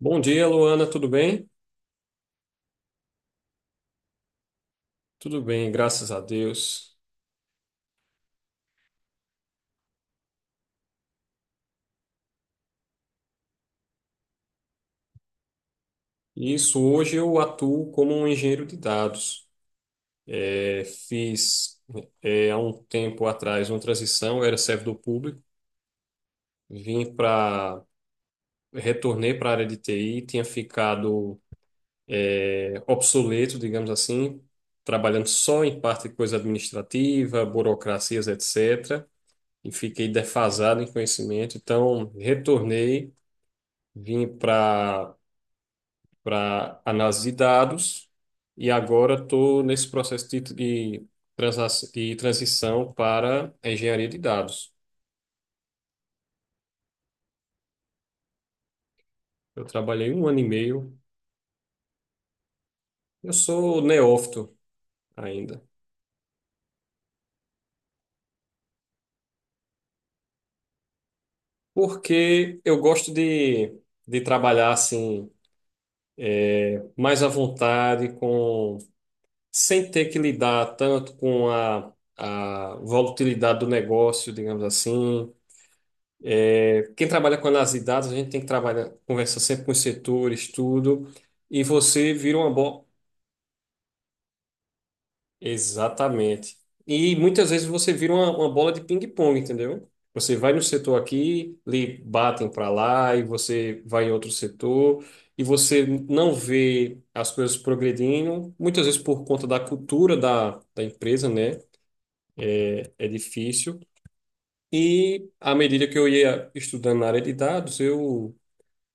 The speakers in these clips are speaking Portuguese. Bom dia, Luana, tudo bem? Tudo bem, graças a Deus. Isso, hoje eu atuo como um engenheiro de dados. É, fiz, Há um tempo atrás, uma transição. Eu era servidor público, vim para, retornei para a área de TI. Tinha ficado, obsoleto, digamos assim, trabalhando só em parte de coisa administrativa, burocracias, etc. E fiquei defasado em conhecimento, então retornei, vim para análise de dados, e agora estou nesse processo de transição para a engenharia de dados. Eu trabalhei um ano e meio, eu sou neófito ainda. Porque eu gosto de trabalhar assim mais à vontade, com, sem ter que lidar tanto com a volatilidade do negócio, digamos assim. Quem trabalha com análise de dados, a gente tem que trabalhar, conversar sempre com os setores, tudo, e você vira uma bola. Exatamente. E muitas vezes você vira uma bola de ping-pong, entendeu? Você vai no setor aqui, lhe batem para lá, e você vai em outro setor, e você não vê as coisas progredindo, muitas vezes por conta da cultura da empresa, né? É difícil. E à medida que eu ia estudando na área de dados, eu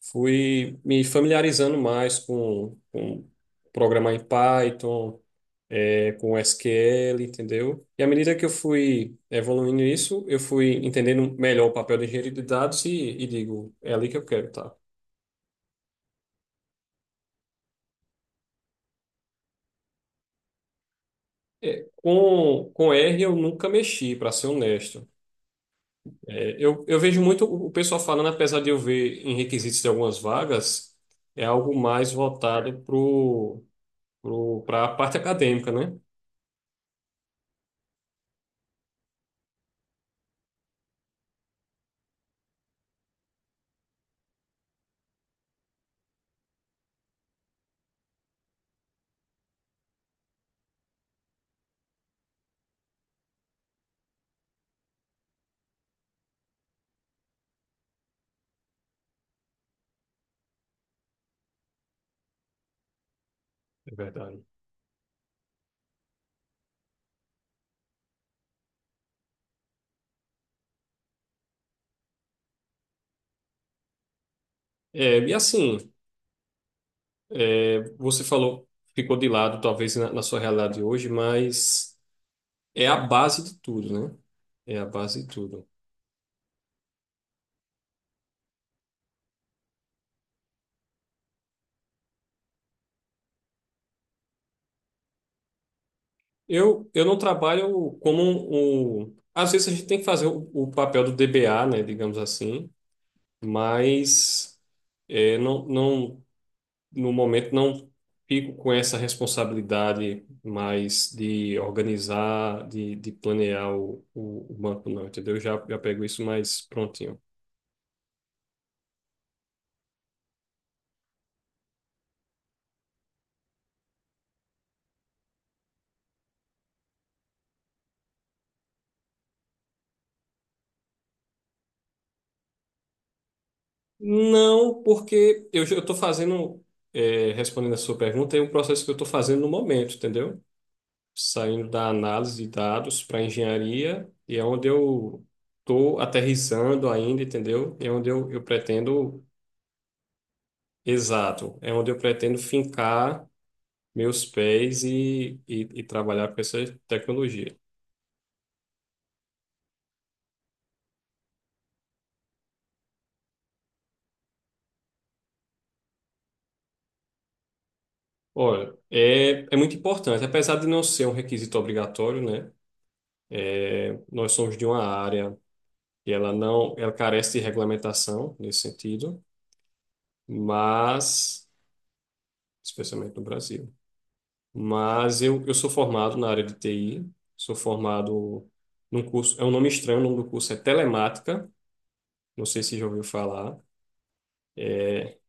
fui me familiarizando mais com programar em Python, com SQL, entendeu? E à medida que eu fui evoluindo isso, eu fui entendendo melhor o papel do engenheiro de dados, e digo, é ali que eu quero, tá? É com R eu nunca mexi, para ser honesto. Eu vejo muito o pessoal falando, apesar de eu ver em requisitos de algumas vagas, é algo mais voltado para a parte acadêmica, né? É verdade. É, e assim. É, você falou, ficou de lado, talvez na sua realidade hoje, mas é a base de tudo, né? É a base de tudo. Eu não trabalho como às vezes a gente tem que fazer o papel do DBA, né? Digamos assim, mas é, não, não, no momento não fico com essa responsabilidade mais de organizar, de planear o banco, não, entendeu? Eu já pego isso mais prontinho. Não, porque eu estou fazendo, respondendo a sua pergunta, é um processo que eu estou fazendo no momento, entendeu? Saindo da análise de dados para engenharia, e é onde eu estou aterrissando ainda, entendeu? É onde eu pretendo, exato, é onde eu pretendo fincar meus pés e trabalhar com essa tecnologia. Olha, é, é muito importante, apesar de não ser um requisito obrigatório, né? Nós somos de uma área, e ela não, ela carece de regulamentação nesse sentido, mas, especialmente no Brasil. Mas eu sou formado na área de TI, sou formado num curso, é um nome estranho, o nome do curso é Telemática, não sei se já ouviu falar,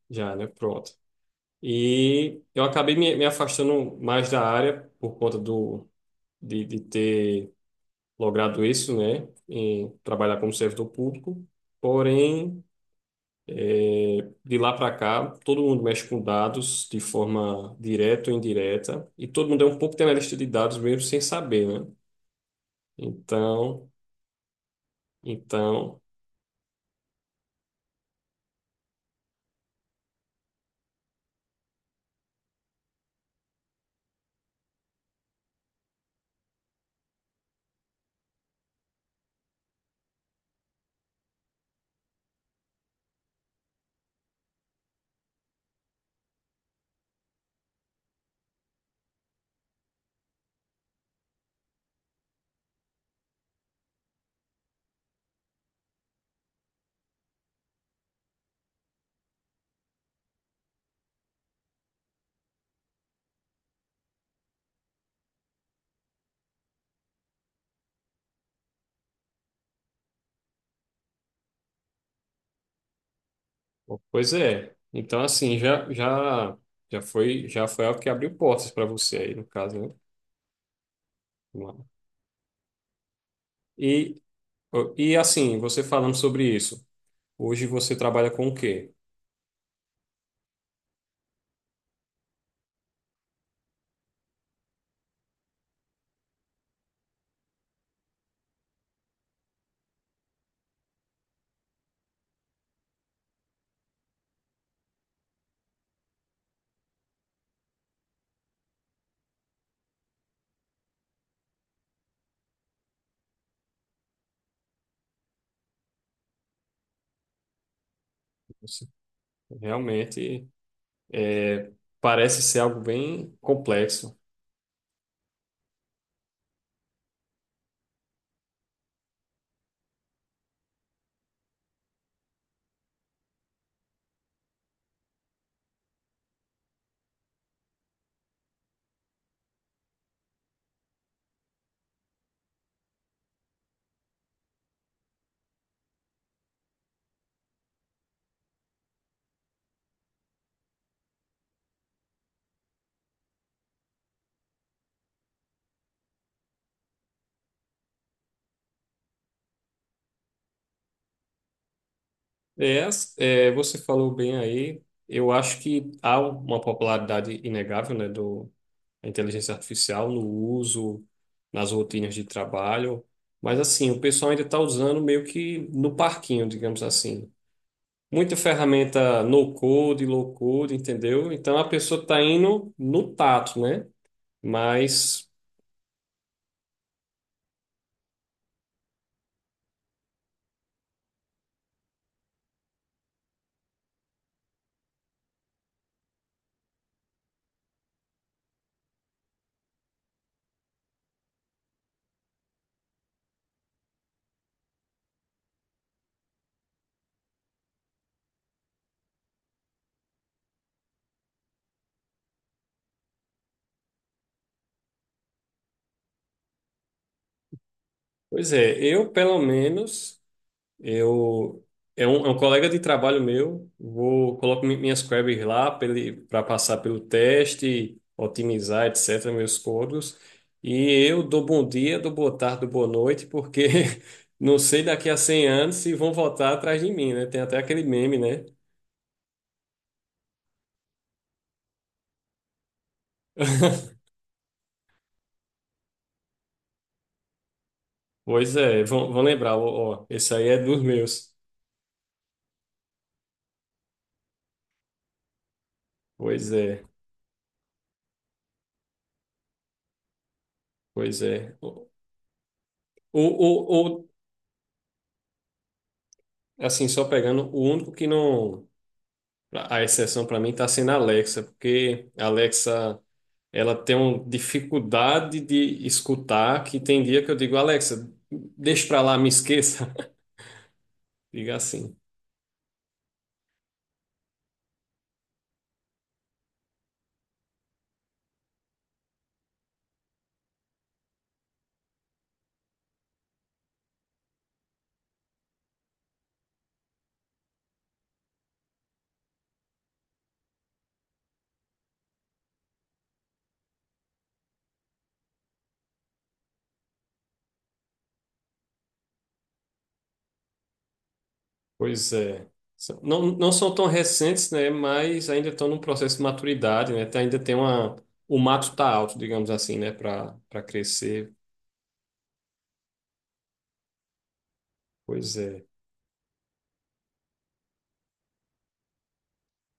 já, né? Pronto. E eu acabei me afastando mais da área por conta do, de ter logrado isso, né? Em trabalhar como servidor público, porém É, de lá para cá, todo mundo mexe com dados de forma direta ou indireta, e todo mundo é um pouco de dados mesmo sem saber, né? Então, então, pois é. Então, assim, já foi algo que abriu portas para você aí, no caso, né? Vamos lá. E, e assim, você falando sobre isso, hoje você trabalha com o quê? Você realmente, é, parece ser algo bem complexo. Você falou bem aí. Eu acho que há uma popularidade inegável, né, do da inteligência artificial no uso, nas rotinas de trabalho. Mas assim, o pessoal ainda está usando meio que no parquinho, digamos assim. Muita ferramenta no code, low code, entendeu? Então a pessoa está indo no tato, né? Mas, pois é, eu pelo menos. Eu é um colega de trabalho meu. Vou, coloco minhas queries lá para passar pelo teste, otimizar, etc. Meus códigos. E eu dou bom dia, dou boa tarde, dou boa noite, porque não sei daqui a 100 anos se vão voltar atrás de mim, né? Tem até aquele meme, né? Pois é, vão lembrar, ó, ó, esse aí é dos meus. Pois é, pois é. O, o, o- assim, só pegando, o único que não... A exceção para mim está sendo a Alexa, porque a Alexa, ela tem uma dificuldade de escutar, que tem dia que eu digo: Alexa, deixa para lá, me esqueça. Diga assim. Pois é. Não, não são tão recentes, né? Mas ainda estão num processo de maturidade, né? Ainda tem uma... O mato está alto, digamos assim, né? Para crescer. Pois é.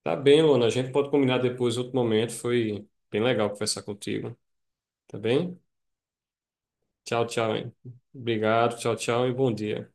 Tá bem, Luana. A gente pode combinar depois, outro momento. Foi bem legal conversar contigo. Tá bem? Tchau, tchau, hein? Obrigado, tchau, tchau e bom dia.